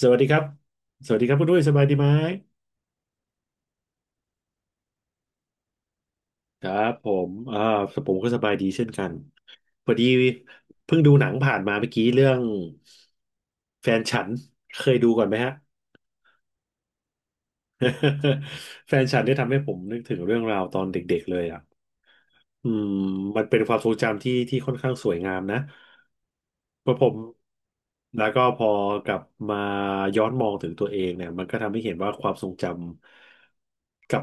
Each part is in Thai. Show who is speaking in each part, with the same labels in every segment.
Speaker 1: สวัสดีครับ สวัสดีครับคุณด้วยสบายดีไหมครับผมผมก็สบายดีเช่นกันพอดีเพิ่งดูหนังผ่านมาเมื่อกี้เรื่องแฟนฉันเคยดูก่อนไหมฮะ แฟนฉันได้ทำให้ผมนึกถึงเรื่องราวตอนเด็กๆเลยอ่ะ อืมมันเป็นความทรงจำที่ค่อนข้างสวยงามนะเพราะผมแล้วก็พอกลับมาย้อนมองถึงตัวเองเนี่ยมันก็ทำให้เห็นว่าความทรงจำกับ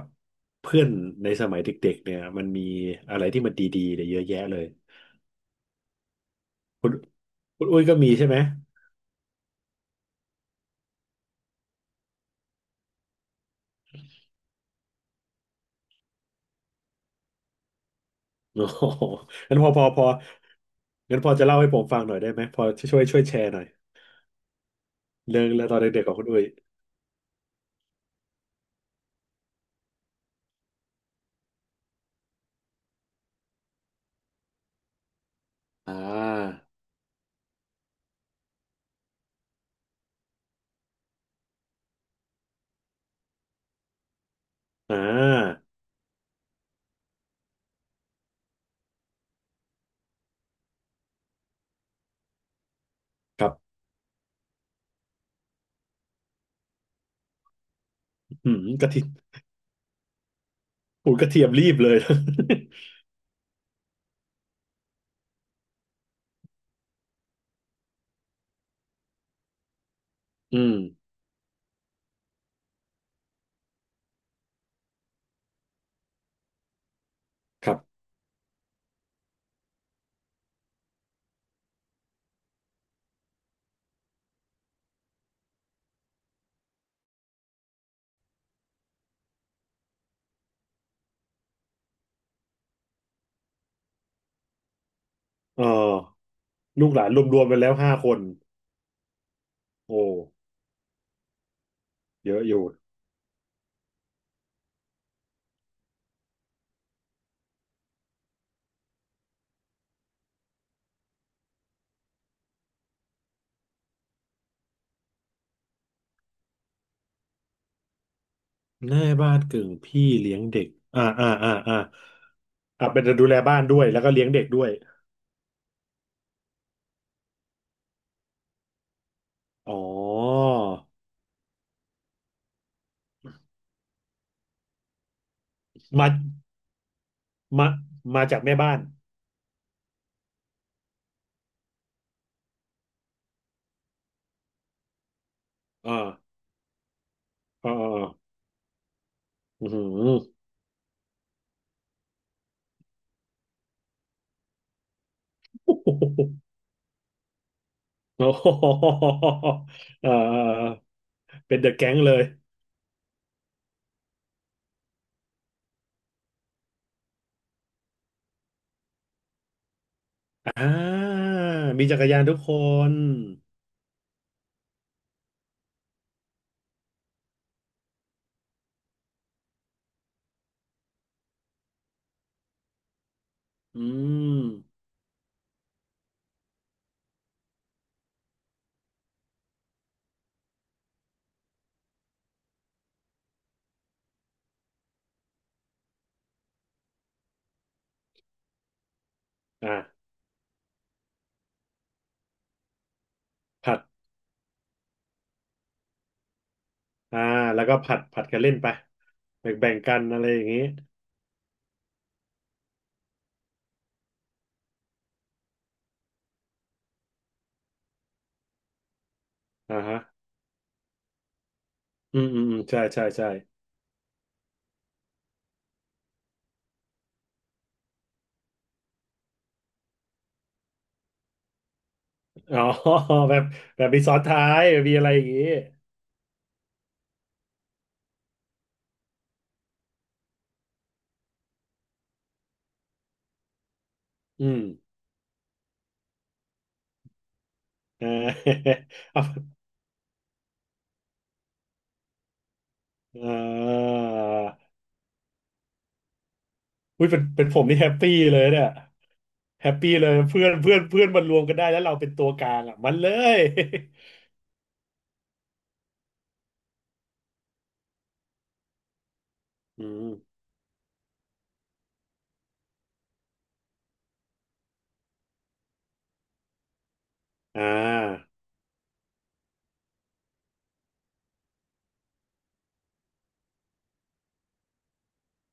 Speaker 1: เพื่อนในสมัยเด็กๆเนี่ยมันมีอะไรที่มันดีๆเนี่ยเยอะแยะเลยคุณคุณอุ้ยก็มีใช่ไหม โอ้โหงั้นพองั้นพอจะเล่าให้ผมฟังหน่อยได้ไหมพอช่วยแชร์หน่อยเรื่องตอนเด็กๆของคุณอุ้ยอ่าอ่าครับอืมกะทิ โอ้ยกระเทียมรีบเลย อืม ครับเออลูกหลานรวมๆไปแล้วห้าคน โอ้ เยอะอยู่แม่บ้านกึ่งพี่เลี้ยงเด็ก อ่าอ่าอ่าอ่าอ่าเป็นดูแลบ้านด้วยแล้วก็เลี้ยงเด็กด้วย อ๋อ มามามาจากแม่บ้านอ่าอ่าอือหือ โอ้โห เออเป็นเดอะแก๊งเลยอ่ามีจักรยานทุกคน อืมอ่ะผัด อ่าแล้วก็ผัดกันเล่นไปแบ่งกันอะไรอย่างนี้อ่าฮะอืมอืมอืมใช่ใช่ใช่อ๋อ แบบแบบมีซ้อนท้ายแบบมีอะไรอย่างนี้อืมเออ เอาเอาอุ้ยเป็นผมนี่แฮปปี้เลยเนี่ยแฮปปี้เลยเพื่อนเพื่อนเพื่อนมันรวมกันได้แล้วเราเป็นตัวกลางอ่ะมันเลย อืมอ่า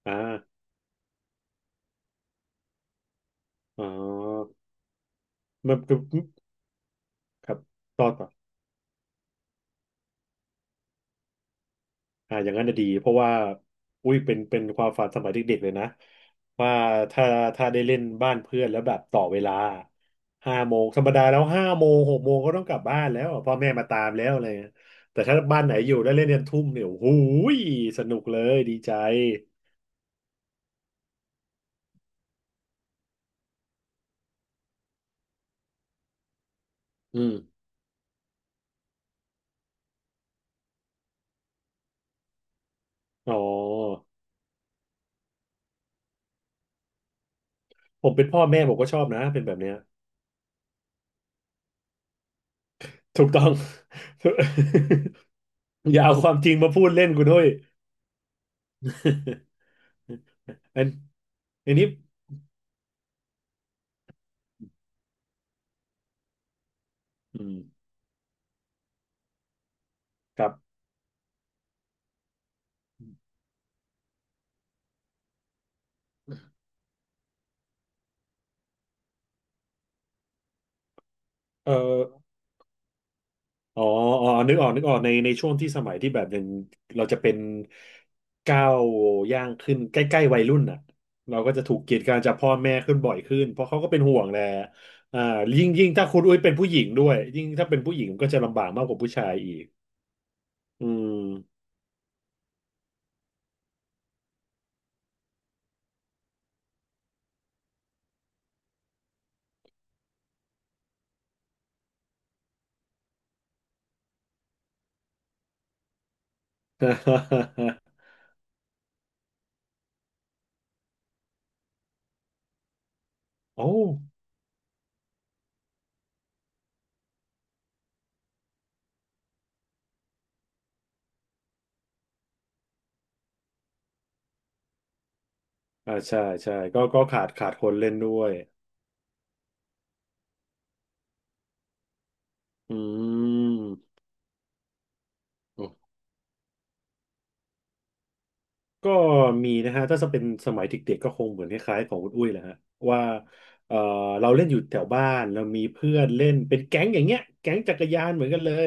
Speaker 1: อ่าอ๋อมันคือครับต่อ อ่าอย่างนั้นจะดีเพราะว่าอุ้ยเป็นความฝันสมัยเด็กๆเลยนะว่าถ้าถ้าได้เล่นบ้านเพื่อนแล้วแบบต่อเวลาห้าโมงธรรมดาแล้วห้าโมงหกโมงก็ต้องกลับบ้านแล้วพ่อแม่มาตามแล้วอะไรเงี้ยแต่ถ้าบ้านไหนอยู่ได้เล่นยันทุ่มเนี่ยโอ้โหยสนุกเลยดีใจอืมอ๋อผมเป็นพ่อแม่ผมก็ชอบนะเป็นแบบเนี้ยถูกต้อง อย่าเอาความจริงมาพูดเล่นกูด้วย อันอันนี้อืมครับเออ อ๋ออ๋อนึกออกในช่วงที่สมัยที่แบบยังเราจะเป็นก้าวย่างขึ้นใกล้ๆวัยรุ่นน่ะเราก็จะถูกกีดกันจากพ่อแม่ขึ้นบ่อยขึ้นเพราะเขาก็เป็นห่วงแหละอ่ายิ่งถ้าคุณอุ้ยเป็นผู้หญิงด้วยยิ่งถ้าเป็นผู้หญิงก็จะลำบากมากกว่าผู้ชายอีกอืม โอ้อ่าใช่ใช่ก็ขาดคนเล่นด้วยอืม ก็มีนะฮะถ้าจะเป็นสมัยเด็กๆก็คงเหมือนคล้ายๆของคุณอุ้ยแหละฮะว่าเออเราเล่นอยู่แถวบ้านเรามีเพื่อนเล่นเป็นแก๊งอย่างเงี้ยแก๊งจักรยานเหมือนกันเลย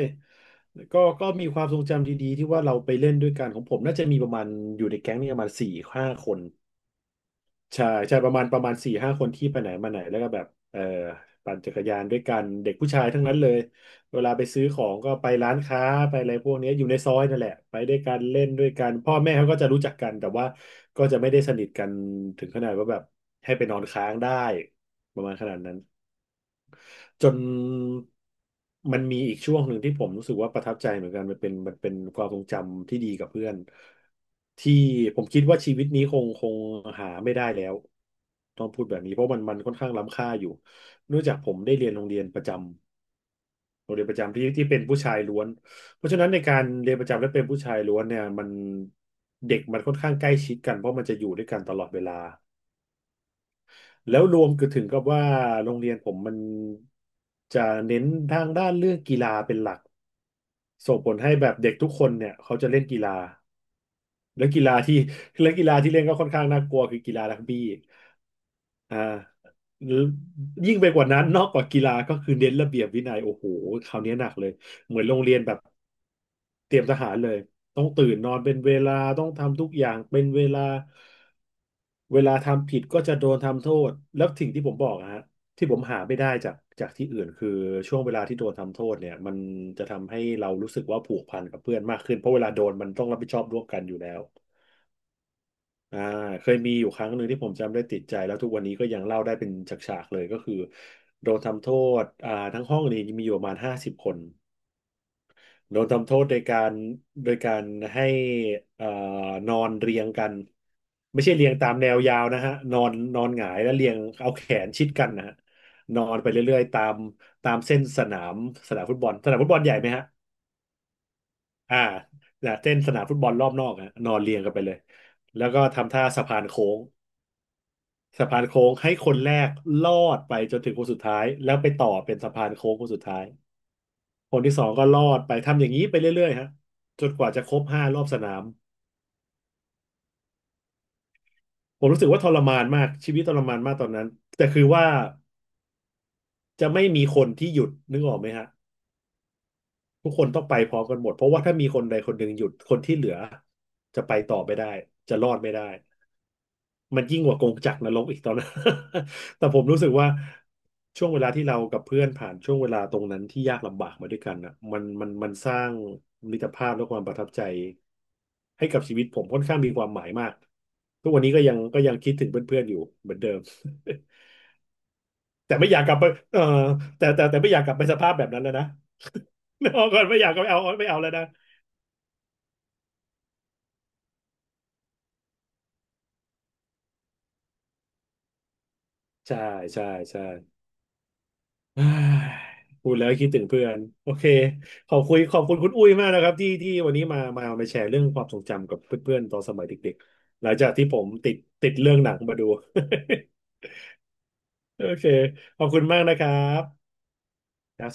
Speaker 1: ก็มีความทรงจำดีๆที่ว่าเราไปเล่นด้วยกันของผมน่าจะมีประมาณอยู่ในแก๊งเนี่ยประมาณสี่ห้าคน ใช่ใช่ประมาณสี่ห้าคนที่ไปไหนมาไหนแล้วก็แบบเออปั่นจักรยานด้วยกันเด็กผู้ชายทั้งนั้นเลยเวลาไปซื้อของก็ไปร้านค้าไปอะไรพวกเนี้ยอยู่ในซอยนั่นแหละไปด้วยกันเล่นด้วยกันพ่อแม่เขาก็จะรู้จักกันแต่ว่าก็จะไม่ได้สนิทกันถึงขนาดว่าแบบให้ไปนอนค้างได้ประมาณขนาดนั้น จนมันมีอีกช่วงหนึ่งที่ผมรู้สึกว่าประทับใจเหมือนกันมันเป็นความทรงจำที่ดีกับเพื่อนที่ผมคิดว่าชีวิตนี้คงหาไม่ได้แล้วต้องพูดแบบนี้เพราะมันค่อนข้างล้ำค่าอยู่เนื่องจากผมได้เรียนโรงเรียนประจำโรงเรียนประจำที่เป็นผู้ชายล้วนเพราะฉะนั้นในการเรียนประจำและเป็นผู้ชายล้วนเนี่ยมันเด็กมันค่อนข้างใกล้ชิดกันเพราะมันจะอยู่ด้วยกันตลอดเวลา แล้วรวมก็ถึงกับว่าโรงเรียนผมมันจะเน้นทางด้านเรื่องกีฬาเป็นหลักส่งผลให้แบบเด็กทุกคนเนี่ยเขาจะเล่นกีฬาและกีฬาที่ และกีฬาที่เล่นก็ค่อนข้างน่ากลัวคือกีฬารักบี้ อ่ายิ่งไปกว่านั้นนอกกว่ากีฬาก็คือเน้นระเบียบวินัยโอ้โหคราวนี้หนักเลยเหมือนโรงเรียนแบบเตรียมทหารเลยต้องตื่นนอนเป็นเวลาต้องทำทุกอย่างเป็นเวลาเวลาทำผิดก็จะโดนทำโทษแล้วสิ่งที่ผมบอกอะฮะที่ผมหาไม่ได้จากที่อื่นคือช่วงเวลาที่โดนทำโทษเนี่ยมันจะทำให้เรารู้สึกว่าผูกพันกับเพื่อนมากขึ้นเพราะเวลาโดนมันต้องรับผิดชอบร่วมกันอยู่แล้ว อ่าเคยมีอยู่ครั้งหนึ่งที่ผมจำได้ติดใจแล้วทุกวันนี้ก็ยังเล่าได้เป็นฉากๆเลยก็คือโดนทำโทษทั้งห้องนี้มีอยู่ประมาณ50คนโดนทำโทษโดยการโดยการให้เอ่อนอนเรียงกันไม่ใช่เรียงตามแนวยาวนะฮะนอนนอนหงายแล้วเรียงเอาแขนชิดกันนะฮะนอนไปเรื่อยๆตามเส้นสนามสนามฟุตบอลสนามฟุตบอลใหญ่ไหมฮะอ่าแต่เส้นสนามฟุตบอลรอบนอกอะนอนเรียงกันไปเลยแล้วก็ทำท่าสะพานโค้ง สะพานโค้งให้คนแรกลอดไปจนถึงคนสุดท้ายแล้วไปต่อเป็นสะพานโค้งคนสุดท้ายคนที่สองก็ลอดไปทำอย่างนี้ไปเรื่อยๆฮะจนกว่าจะครบห้ารอบสนามผมรู้สึกว่าทรมานมากชีวิตทรมานมากตอนนั้นแต่คือว่าจะไม่มีคนที่หยุดนึกออกไหมฮะทุกคนต้องไปพร้อมกันหมดเพราะว่าถ้ามีคนใดคนหนึ่งหยุดคนที่เหลือจะไปต่อไม่ได้จะรอดไม่ได้ มันยิ่งกว่ากงจักรนรกอีกตอนนั้น แต่ผมรู้สึกว่าช่วงเวลาที่เรากับเพื่อนผ่านช่วงเวลาตรงนั้นที่ยากลำบากมาด้วยกันอ่ะมันสร้างมิตรภาพและความประทับใจให้กับชีวิตผมค่อนข้างมีความหมายมากทุกวันนี้ก็ยังคิดถึงเพื่อนๆอยู่เหมือนเดิม แต่ไม่อยากกลับไปเออแต่ไม่อยากกลับไปสภาพแบบนั้นแล้วนะ ไม่เอาก่อนไม่อยากกลับไปเอาไม่เอาแล้วนะใช่ใช่ใช่ เอ้ยพูดแล้วคิดถึงเพื่อนโอเคขอบคุณคุณอุ้ยมากนะครับที่วันนี้มาแชร์เรื่องความทรงจำกับเพื่อนๆตอนสมัยเด็กๆหลังจากที่ผมติดเรื่องหนังมาดู โอเคขอบคุณมากนะครับครับ